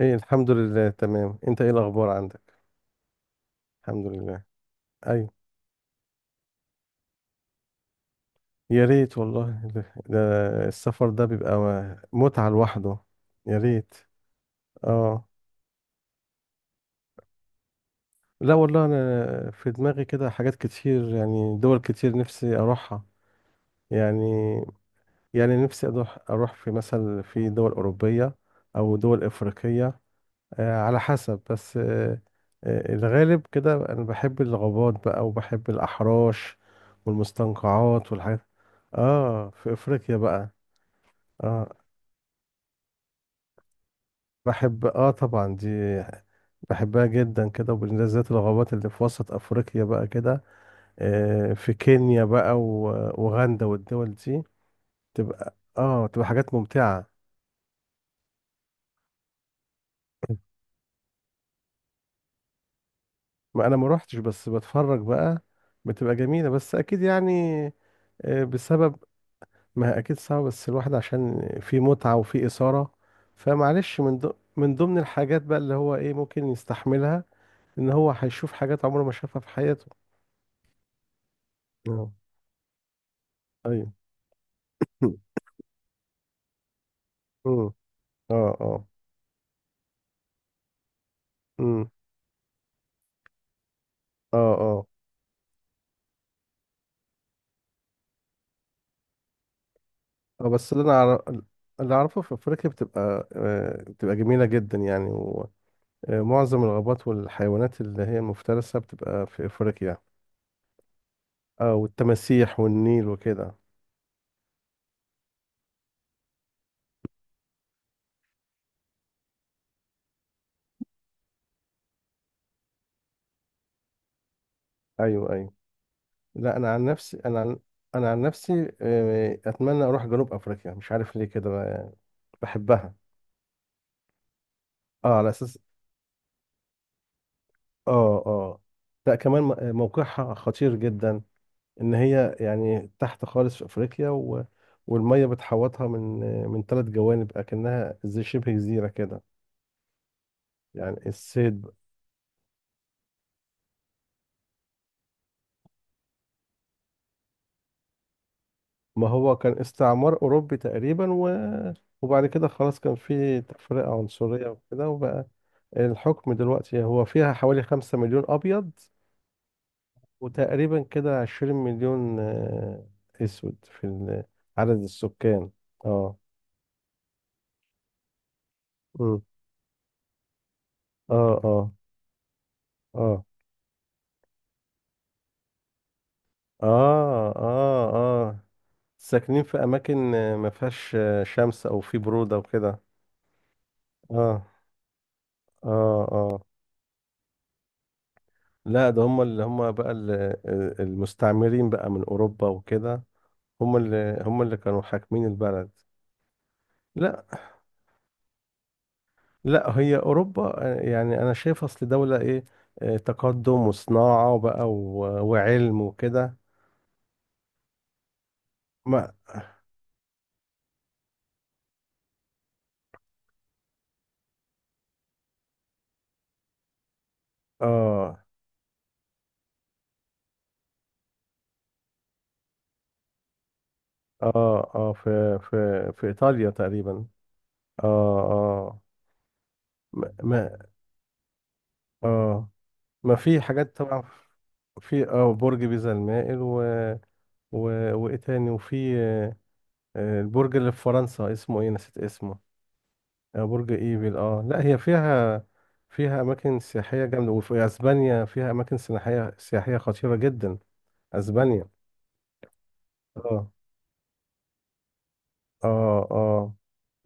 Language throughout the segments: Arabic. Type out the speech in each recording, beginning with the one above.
ايه، الحمد لله تمام. انت ايه الاخبار عندك؟ الحمد لله. ايوه. يا ريت والله. ده السفر ده بيبقى متعة لوحده. يا ريت. اه. لا والله انا في دماغي كده حاجات كتير، يعني دول كتير نفسي اروحها. يعني يعني نفسي اروح في مثلا في دول اوروبية او دول افريقية. على حسب بس. الغالب كده انا بحب الغابات بقى وبحب الاحراش والمستنقعات والحاجات. اه في افريقيا بقى. اه بحب اه طبعا دي، بحبها جدا كده، وبالذات الغابات اللي في وسط افريقيا بقى كده. آه في كينيا بقى واوغندا والدول دي. تبقى اه تبقى حاجات ممتعة. ما انا ما روحتش، بس بتفرج بقى، بتبقى جميلة بس اكيد يعني. بسبب. ما هي اكيد صعب، بس الواحد عشان في متعة وفي إثارة، فمعلش من ضمن الحاجات بقى اللي هو ايه ممكن يستحملها. ان هو هيشوف حاجات عمره ما شافها في حياته. اه ايوه. امم اه اه. امم اه اه. بس اللي انا أعرف... اللي اعرفه في افريقيا بتبقى، بتبقى جميلة جدا يعني. ومعظم الغابات والحيوانات اللي هي المفترسة بتبقى في افريقيا. اه، والتماسيح والنيل وكده. ايوه ايوه. لا انا عن نفسي انا عن انا عن نفسي اتمنى اروح جنوب افريقيا، مش عارف ليه كده. بحبها. اه على اساس. اه اه. لا كمان موقعها خطير جدا، ان هي يعني تحت خالص في افريقيا و... والميه بتحوطها من من 3 جوانب، اكنها زي شبه جزيره كده. يعني الصيد. ما هو كان استعمار اوروبي تقريبا و... وبعد كده خلاص كان في تفرقه عنصريه وكده، وبقى الحكم دلوقتي. هو فيها حوالي 5 مليون ابيض، وتقريبا كده 20 مليون اسود في عدد السكان. اه. مم. اه اه اه اه. اه اه. ساكنين في اماكن ما فيهاش شمس، او في برودة وكده. اه اه اه. لا ده هم اللي هم بقى المستعمرين بقى من اوروبا وكده. هم اللي كانوا حاكمين البلد. لا لا، هي اوروبا، يعني انا شايف اصل دولة ايه، تقدم وصناعة بقى وعلم وكده. ما اه اه. اه في في في ايطاليا تقريبا. اه اه. ما ما- اه، ما في حاجات طبعا. في اه برج بيزا المائل و و وايه تاني، وفي البرج اللي في فرنسا اسمه ايه، نسيت اسمه. برج ايفل، اه. لا هي فيها، فيها اماكن سياحيه جامده، وفي اسبانيا فيها اماكن سياحيه خطيره جدا. اسبانيا. اه اه اه.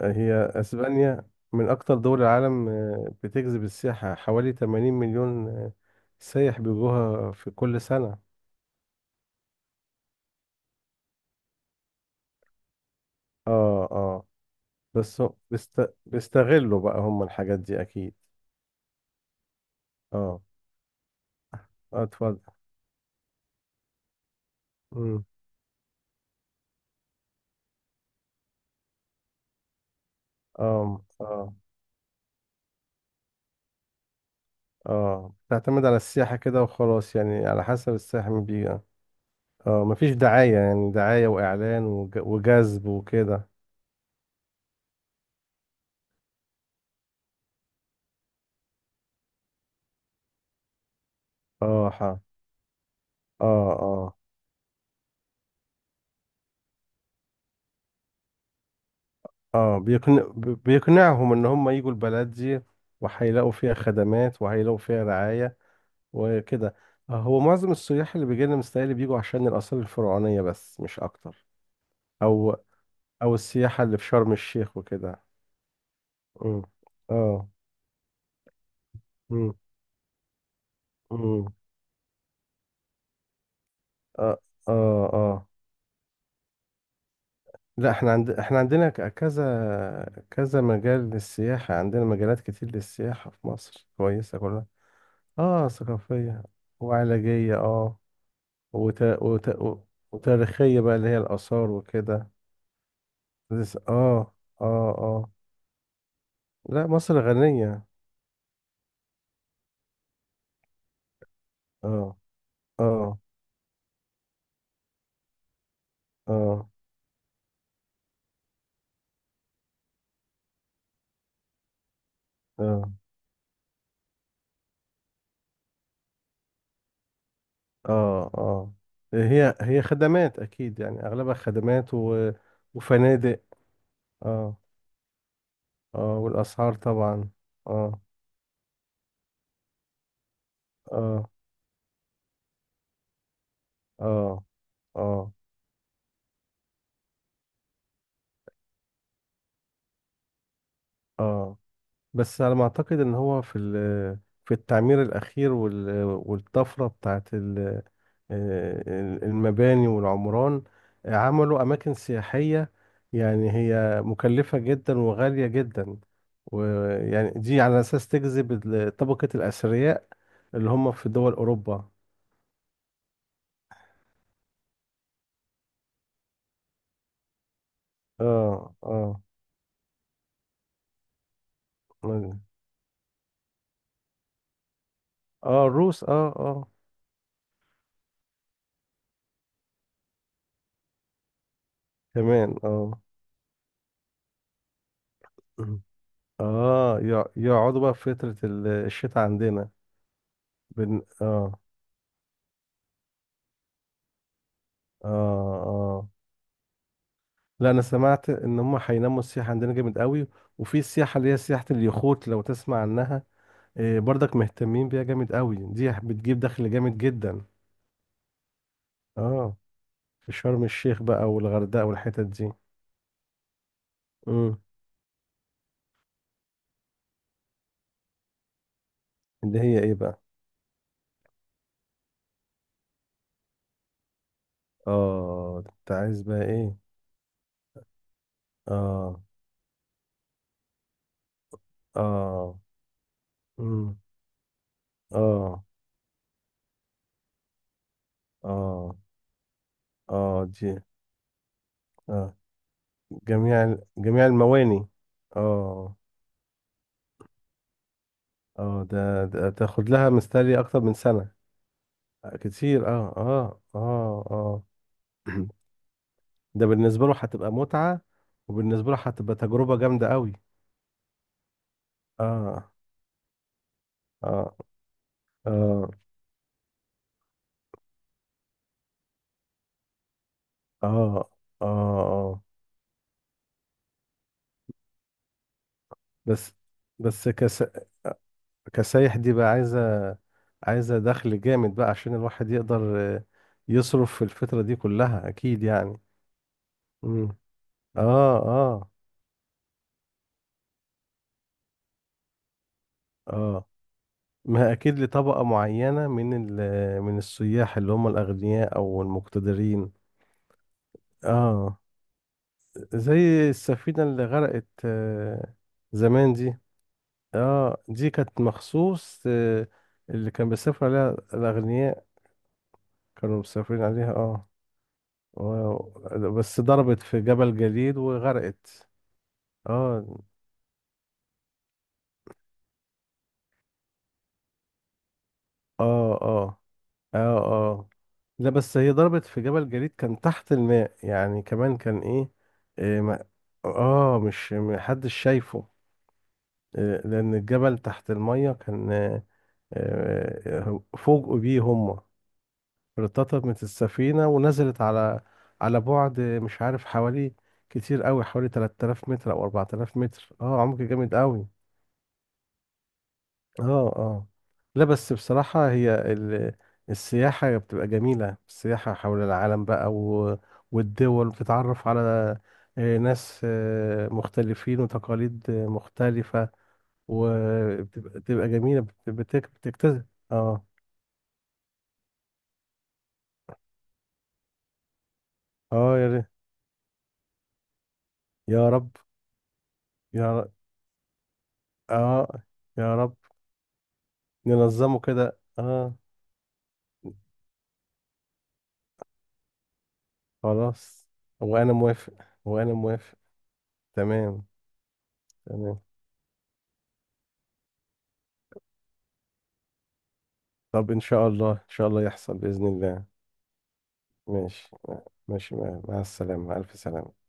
هي اسبانيا من اكتر دول العالم بتجذب السياحه، حوالي 80 مليون سايح بيجوها في كل سنه. اه اه. بيستغلوا بقى هم الحاجات دي اكيد. اه. اتفضل. مم. اه اه اه. تعتمد على السياحة كده وخلاص، يعني على حسب السائح مين بيجي. اه مفيش دعاية، يعني دعاية وإعلان وجذب وكده. اه ح- اه. اه اه. بيقنع بيقنعهم إن هم يجوا البلد دي، وهيلاقوا فيها خدمات وهيلاقوا فيها رعاية وكده. هو معظم السياح اللي بيجي لنا مستاهل بيجوا عشان الآثار الفرعونية بس، مش أكتر. أو أو السياحة اللي في شرم الشيخ وكده. مم. اه. مم. مم. اه اه اه. لا احنا عند... احنا عندنا ك- كذا كذا مجال للسياحة، عندنا مجالات كتير للسياحة في مصر، كويسة كلها. اه، ثقافية وعلاجية، اه. وت... وت... و- وتاريخية بقى اللي هي الآثار وكده. لسه اه. اه اه. لا مصر غنية. اه اه اه اه اه اه. هي هي خدمات أكيد، يعني أغلبها خدمات و... وفنادق. اه. اه والأسعار طبعا. اه اه اه اه اه. بس على ما اعتقد ان هو في في التعمير الاخير والطفره بتاعت المباني والعمران، عملوا اماكن سياحيه، يعني هي مكلفه جدا وغاليه جدا، ويعني دي على اساس تجذب طبقه الاثرياء اللي هم في دول اوروبا. اه اه. اه الروس، اه اه كمان. اه اه، يقعدوا بقى في فترة الشتاء عندنا. بن... اه. اه اه. لا انا سمعت ان هم هيناموا السياحة عندنا جامد قوي، وفي السياحة اللي هي سياحة اليخوت لو تسمع عنها، إيه برضك مهتمين بيها جامد قوي، دي بتجيب دخل جامد جدا. اه في شرم الشيخ بقى والغردقة والحتت دي. امم. اللي هي ايه بقى؟ اه ده انت عايز بقى ايه؟ اه اه. امم. اه اه. اه دي. اه جميع المواني. اه اه. ده، ده تاخد لها مستري اكتر من سنة. كتير، اه اه اه اه. ده بالنسبة له هتبقى متعة، وبالنسبة له هتبقى تجربة جامدة قوي. اه اه اه اه اه اه. بس بس كس... كسايح دي بقى عايزة، عايزة دخل جامد بقى، عشان الواحد يقدر يصرف في الفترة دي كلها اكيد يعني. مم. اه اه اه. ما اكيد لطبقة معينة من من السياح اللي هم الاغنياء او المقتدرين. اه. زي السفينة اللي غرقت زمان دي. اه دي كانت مخصوص، اللي كان بيسافر عليها الاغنياء، كانوا مسافرين عليها، اه. بس ضربت في جبل جليد وغرقت. اه اه اه اه اه. لا بس هي ضربت في جبل جليد كان تحت الماء، يعني كمان كان ايه. إيه ما، اه، مش محدش شايفه، إيه، لان الجبل تحت المية كان فوجئوا بيه هما. ارتطمت السفينة ونزلت على على بعد، مش عارف حوالي، كتير قوي، حوالي 3000 متر او 4000 متر، اه عمق جامد قوي. اه اه. لا بس بصراحة هي السياحة بتبقى جميلة، السياحة حول العالم بقى و... والدول بتتعرف على ناس مختلفين، وتقاليد مختلفة، وبتبقى جميلة، بتكتسب. اه اه. يا ريت. يا رب. يا رب. اه. يا رب. ننظمه كده، اه. خلاص وانا موافق. وانا موافق. تمام. تمام. طب ان شاء الله، ان شاء الله يحصل بإذن الله. ماشي. ماشي، مع السلامة، ألف سلامة.